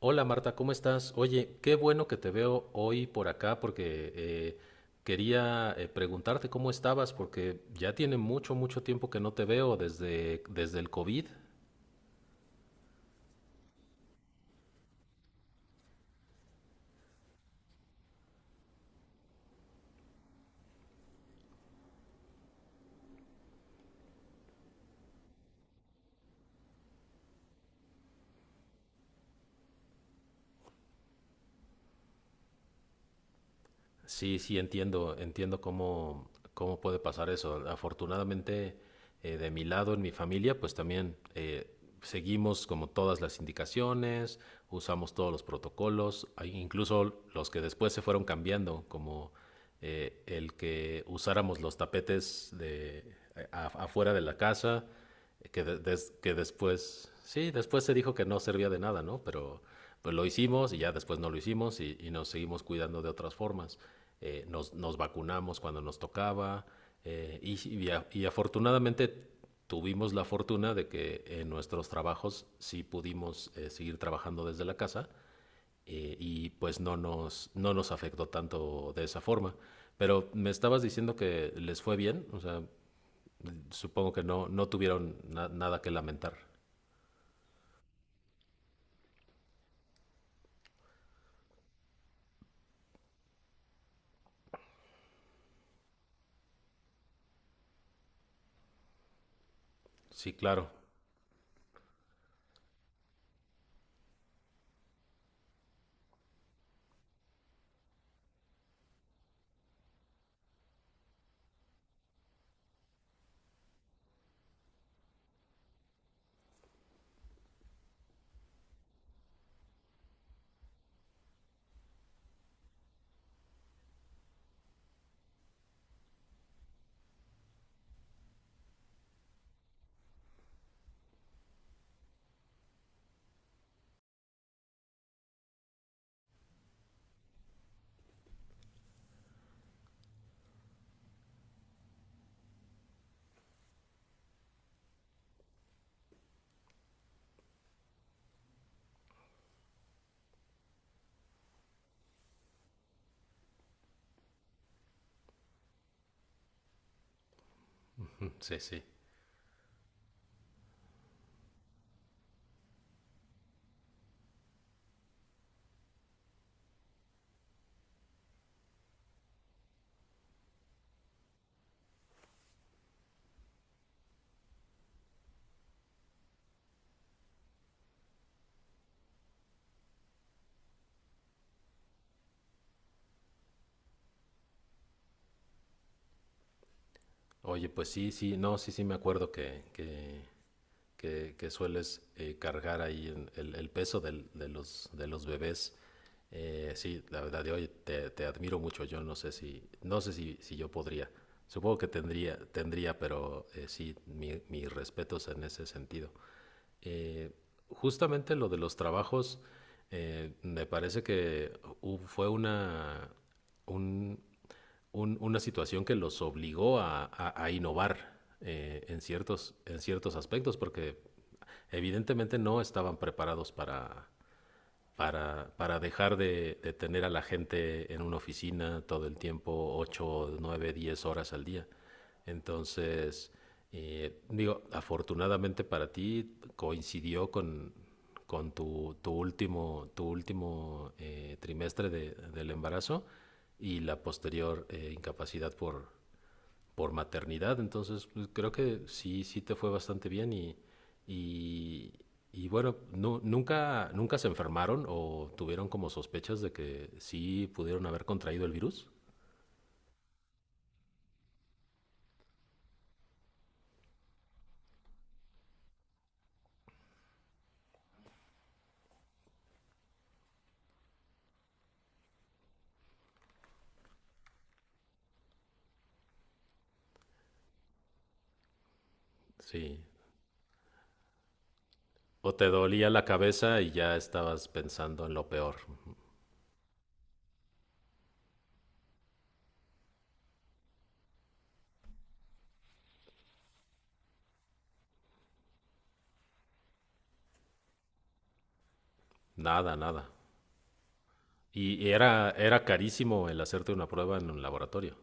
Hola Marta, ¿cómo estás? Oye, qué bueno que te veo hoy por acá porque quería preguntarte cómo estabas porque ya tiene mucho, mucho tiempo que no te veo desde el COVID. Sí, sí, entiendo, entiendo cómo puede pasar eso. Afortunadamente, de mi lado, en mi familia, pues también seguimos como todas las indicaciones, usamos todos los protocolos, hay incluso los que después se fueron cambiando, como el que usáramos los tapetes afuera de la casa, que después, sí, después se dijo que no servía de nada, ¿no? Pero pues lo hicimos y ya después no lo hicimos y nos seguimos cuidando de otras formas. Nos vacunamos cuando nos tocaba y afortunadamente tuvimos la fortuna de que en nuestros trabajos sí pudimos seguir trabajando desde la casa y pues no nos afectó tanto de esa forma. Pero me estabas diciendo que les fue bien, o sea, supongo que no, no tuvieron nada que lamentar. Sí, claro. Mm, sí, sí. Oye, pues sí, sí, no, sí, sí me acuerdo que sueles cargar ahí en el peso de los bebés. Sí, la verdad, de oye, te admiro mucho. Yo no sé si yo podría. Supongo que tendría, tendría, pero sí, mis respetos en ese sentido. Eh, Justamente lo de los trabajos, me parece que hu- fue una, un- un- una situación que los obligó a innovar en ciertos aspectos, porque evidentemente no estaban preparados para dejar de tener a la gente en una oficina todo el tiempo, 8 9 10 horas al día. Entonces, digo, afortunadamente para ti coincidió con tu último trimestre del embarazo y la posterior incapacidad por maternidad. Entonces, pues, creo que sí, sí te fue bastante bien y, y bueno, nunca, nunca se enfermaron o tuvieron como sospechas de que sí pudieron haber contraído el virus. Sí. O te dolía la cabeza y ya estabas pensando en lo peor. Nada, nada. Y era carísimo el hacerte una prueba en un laboratorio.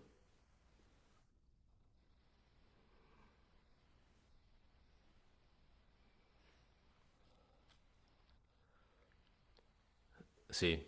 Sí.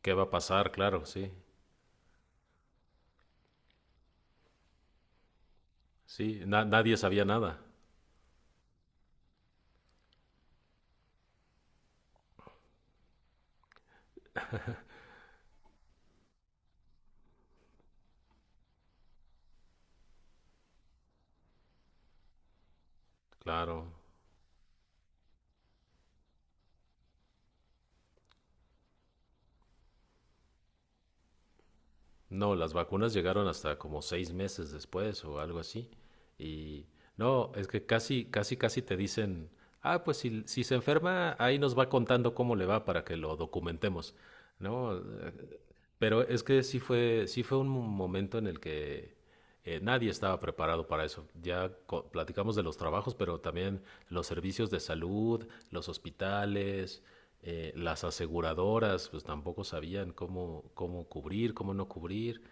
¿Qué va a pasar? Claro, sí. Sí. Nadie sabía nada. Claro. No, las vacunas llegaron hasta como 6 meses después o algo así. Y no, es que casi, casi, casi te dicen, ah, pues si se enferma, ahí nos va contando cómo le va para que lo documentemos. No, pero es que sí fue un momento en el que nadie estaba preparado para eso. Ya platicamos de los trabajos, pero también los servicios de salud, los hospitales, las aseguradoras, pues tampoco sabían cómo cubrir, cómo no cubrir.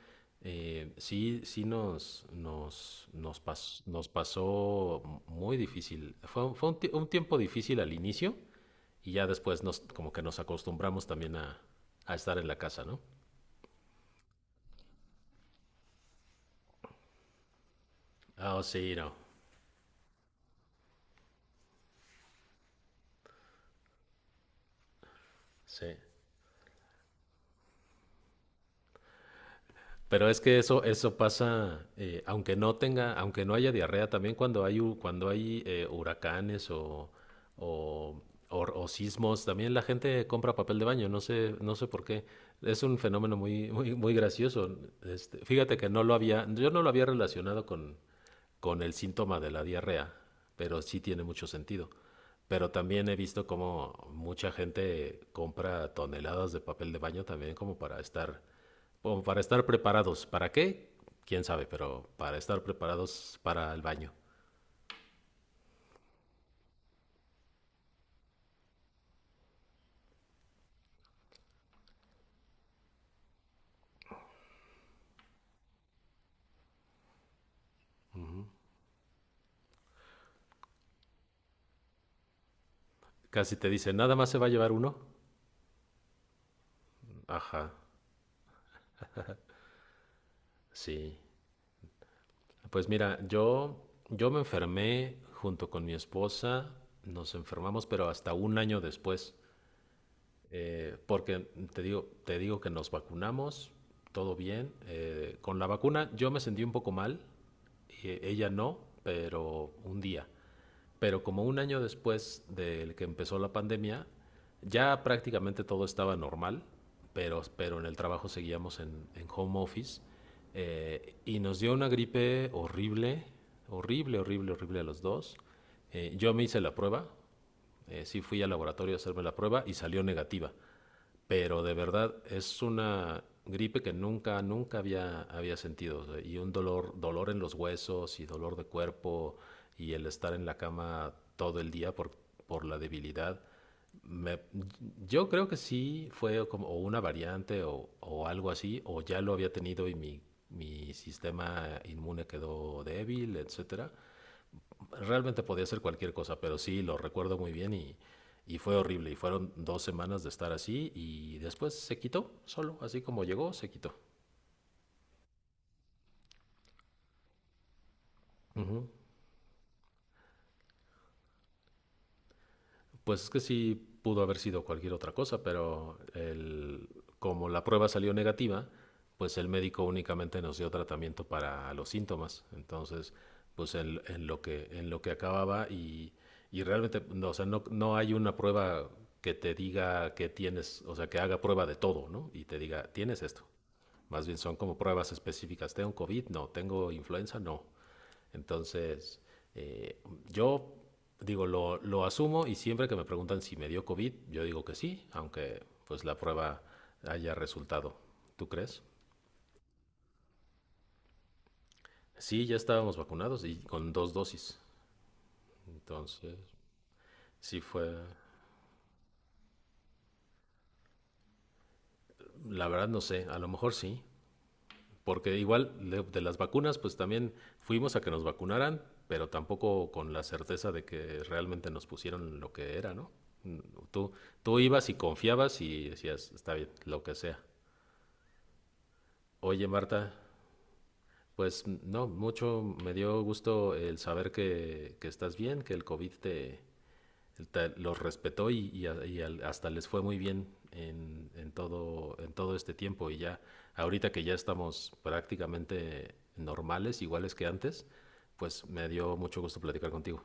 Sí, sí nos pasó muy difícil. Un tiempo difícil al inicio y ya después como que nos acostumbramos también a estar en la casa, ¿no? Ah, oh, sí, no. Sí. Pero es que eso pasa, aunque no haya diarrea, también cuando hay huracanes o, o sismos, también la gente compra papel de baño, no sé por qué. Es un fenómeno muy, muy, muy gracioso. Fíjate que yo no lo había relacionado con el síntoma de la diarrea, pero sí tiene mucho sentido. Pero también he visto como mucha gente compra toneladas de papel de baño también como para estar o para estar preparados. ¿Para qué? Quién sabe, pero para estar preparados para el baño. Casi te dicen, nada más se va a llevar uno. Ajá, sí. Pues mira, yo me enfermé junto con mi esposa. Nos enfermamos, pero hasta un año después. Porque te digo que nos vacunamos, todo bien. Con la vacuna yo me sentí un poco mal, y ella no, pero un día. Pero como un año después del que empezó la pandemia, ya prácticamente todo estaba normal, pero en el trabajo seguíamos en home office. Y nos dio una gripe horrible, horrible, horrible, horrible a los dos. Yo me hice la prueba, sí fui al laboratorio a hacerme la prueba y salió negativa. Pero de verdad es una gripe que nunca, nunca había sentido, o sea, y un dolor, dolor en los huesos y dolor de cuerpo y el estar en la cama todo el día por la debilidad. Me- yo creo que sí fue como o una variante o algo así, o ya lo había tenido y mi sistema inmune quedó débil, etcétera. Realmente podía ser cualquier cosa, pero sí, lo recuerdo muy bien y fue horrible. Y fueron 2 semanas de estar así y después se quitó, solo, así como llegó, se quitó. Ujú. Pues es que sí pudo haber sido cualquier otra cosa, pero como la prueba salió negativa, pues el médico únicamente nos dio tratamiento para los síntomas. Entonces, pues en lo que acababa y realmente, no, o sea, no hay una prueba que te diga que tienes, o sea, que haga prueba de todo, ¿no? Y te diga, tienes esto. Más bien son como pruebas específicas. ¿Tengo COVID? No. ¿Tengo influenza? No. Entonces, eh, yo digo, asumo y siempre que me preguntan si me dio COVID, yo digo que sí, aunque pues la prueba haya resultado. ¿Tú crees? Sí, ya estábamos vacunados y con dos dosis. Entonces, sí fue, la verdad no sé, a lo mejor sí, porque igual de las vacunas, pues también fuimos a que nos vacunaran, pero tampoco con la certeza de que realmente nos pusieron lo que era, ¿no? Mm, Tú, tú ibas y confiabas y decías, está bien, lo que sea. Oye, Marta, pues no, mucho me dio gusto el saber que estás bien, que el COVID los respetó y hasta les fue muy bien en todo este tiempo. Y ya, ahorita que ya estamos prácticamente normales, iguales que antes, pues me dio mucho gusto platicar contigo.